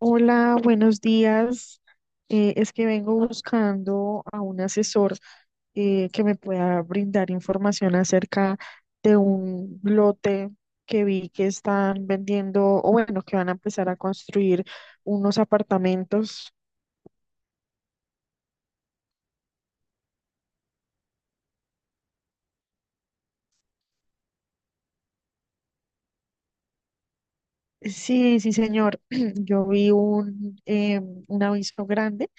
Hola, buenos días. Es que vengo buscando a un asesor que me pueda brindar información acerca de un lote que vi que están vendiendo, o bueno, que van a empezar a construir unos apartamentos. Sí, sí, señor. Yo vi un aviso grande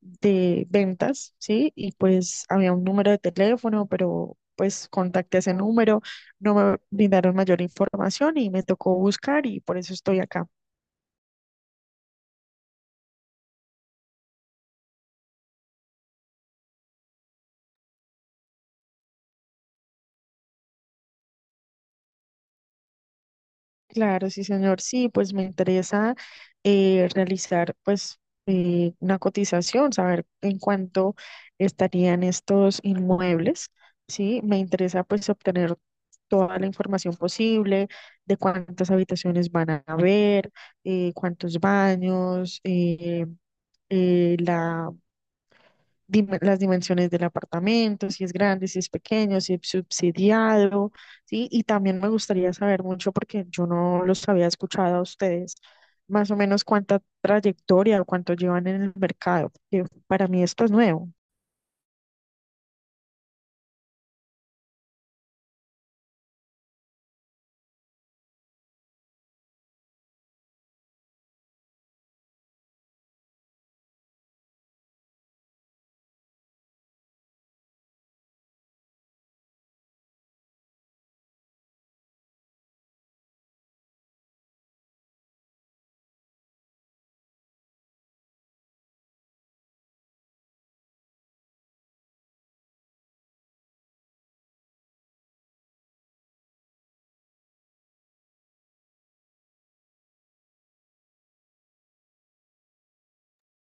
de ventas, ¿sí? Y pues había un número de teléfono, pero pues contacté ese número, no me brindaron mayor información y me tocó buscar y por eso estoy acá. Claro, sí, señor. Sí, pues me interesa realizar pues una cotización, saber en cuánto estarían estos inmuebles. Sí, me interesa pues obtener toda la información posible de cuántas habitaciones van a haber, cuántos baños, la dime las dimensiones del apartamento, si es grande, si es pequeño, si es subsidiado, ¿sí? Y también me gustaría saber mucho, porque yo no los había escuchado a ustedes, más o menos cuánta trayectoria o cuánto llevan en el mercado, porque para mí esto es nuevo.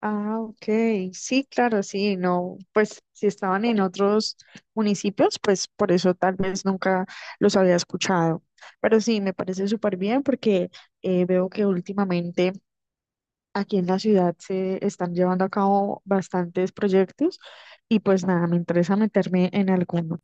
Ah, ok, sí, claro, sí, no, pues si estaban en otros municipios, pues por eso tal vez nunca los había escuchado. Pero sí, me parece súper bien porque veo que últimamente aquí en la ciudad se están llevando a cabo bastantes proyectos y pues nada, me interesa meterme en alguno.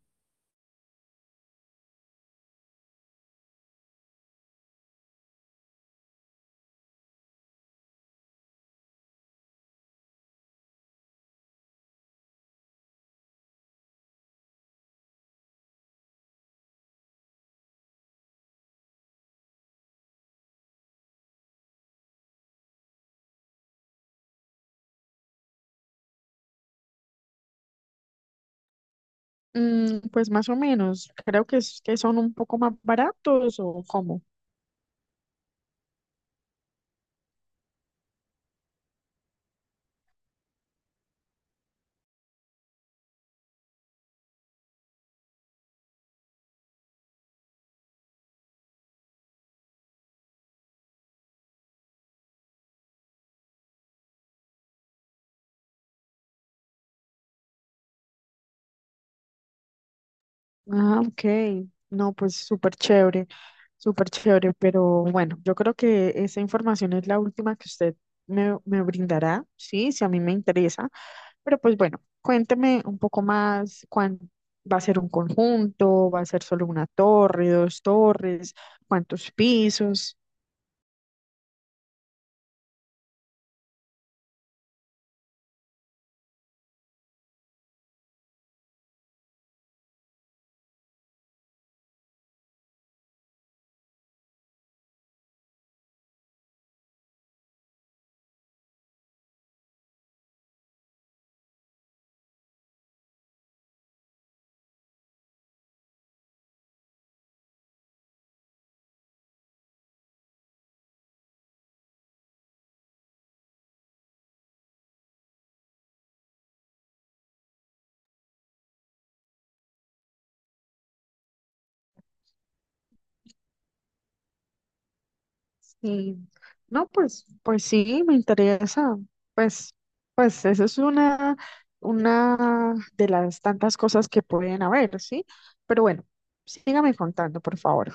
Mm, pues más o menos, creo que, que son un poco más baratos o cómo. Ah, ok. No, pues súper chévere, pero bueno, yo creo que esa información es la última que usted me brindará, sí, si a mí me interesa. Pero pues bueno, cuénteme un poco más, ¿va a ser un conjunto? ¿Va a ser solo una torre, dos torres? ¿Cuántos pisos? Sí, no, pues, pues sí, me interesa. Pues, pues eso es una de las tantas cosas que pueden haber, ¿sí? Pero bueno, sígame contando, por favor.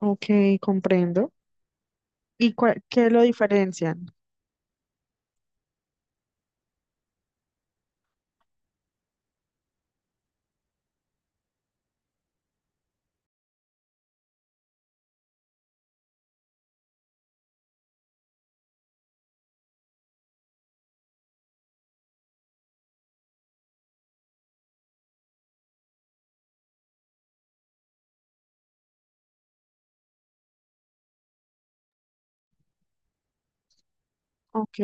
Ok, comprendo. ¿Y qué lo diferencian? Ok,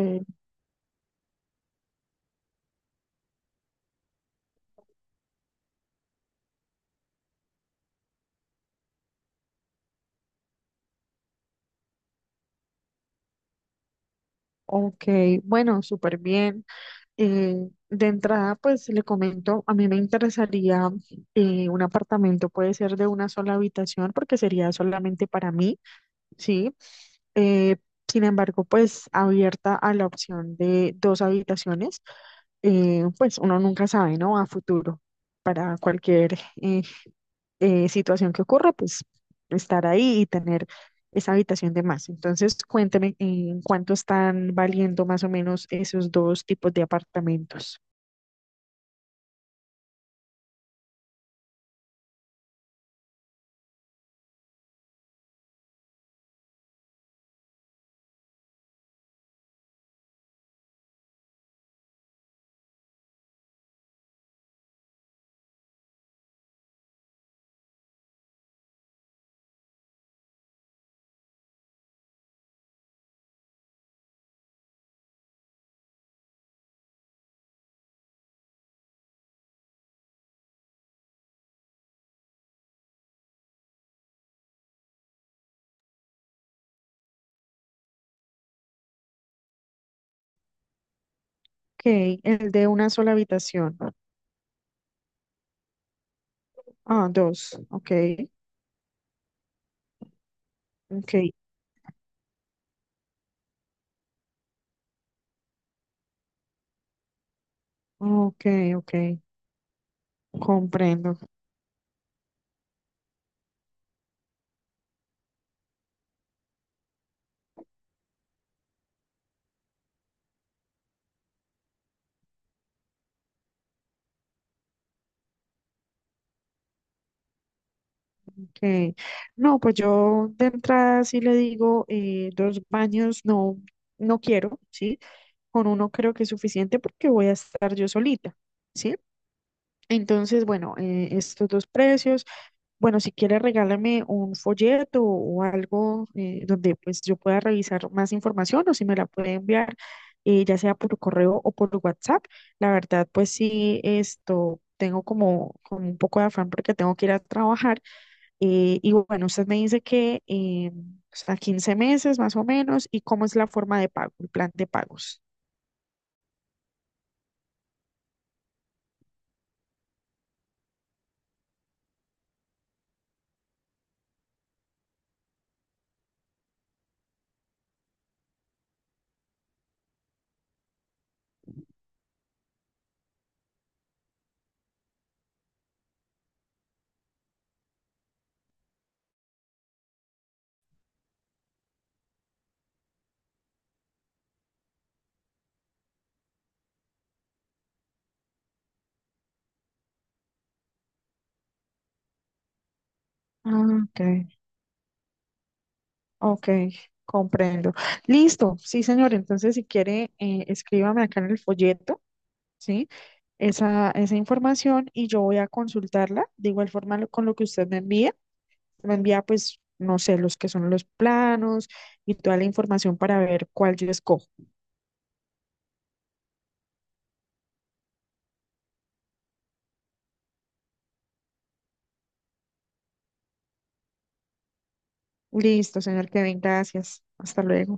ok, bueno, súper bien. De entrada, pues le comento, a mí me interesaría un apartamento, puede ser de una sola habitación porque sería solamente para mí, ¿sí? Eh, Sin embargo, pues abierta a la opción de dos habitaciones, pues uno nunca sabe, ¿no? A futuro, para cualquier situación que ocurra, pues estar ahí y tener esa habitación de más. Entonces, cuénteme en cuánto están valiendo más o menos esos dos tipos de apartamentos. Ok, el de una sola habitación. Ah, dos. Ok, ok, ok, ok. Comprendo. Ok. No, pues yo de entrada sí le digo dos baños, no, no quiero, ¿sí? Con uno creo que es suficiente porque voy a estar yo solita, ¿sí? Entonces, bueno, estos dos precios. Bueno, si quieres, regálame un folleto o algo donde pues yo pueda revisar más información o si me la puede enviar, ya sea por correo o por WhatsApp. La verdad, pues sí, esto tengo como, como un poco de afán porque tengo que ir a trabajar. Y bueno, usted me dice que a 15 meses más o menos y cómo es la forma de pago, el plan de pagos. Ah, ok, ok, comprendo. Listo, sí, señor. Entonces, si quiere, escríbame acá en el folleto. ¿Sí? Esa información y yo voy a consultarla de igual forma con lo que usted me envía. Me envía, pues, no sé, los que son los planos y toda la información para ver cuál yo escojo. Listo, señor Kevin, gracias. Hasta luego.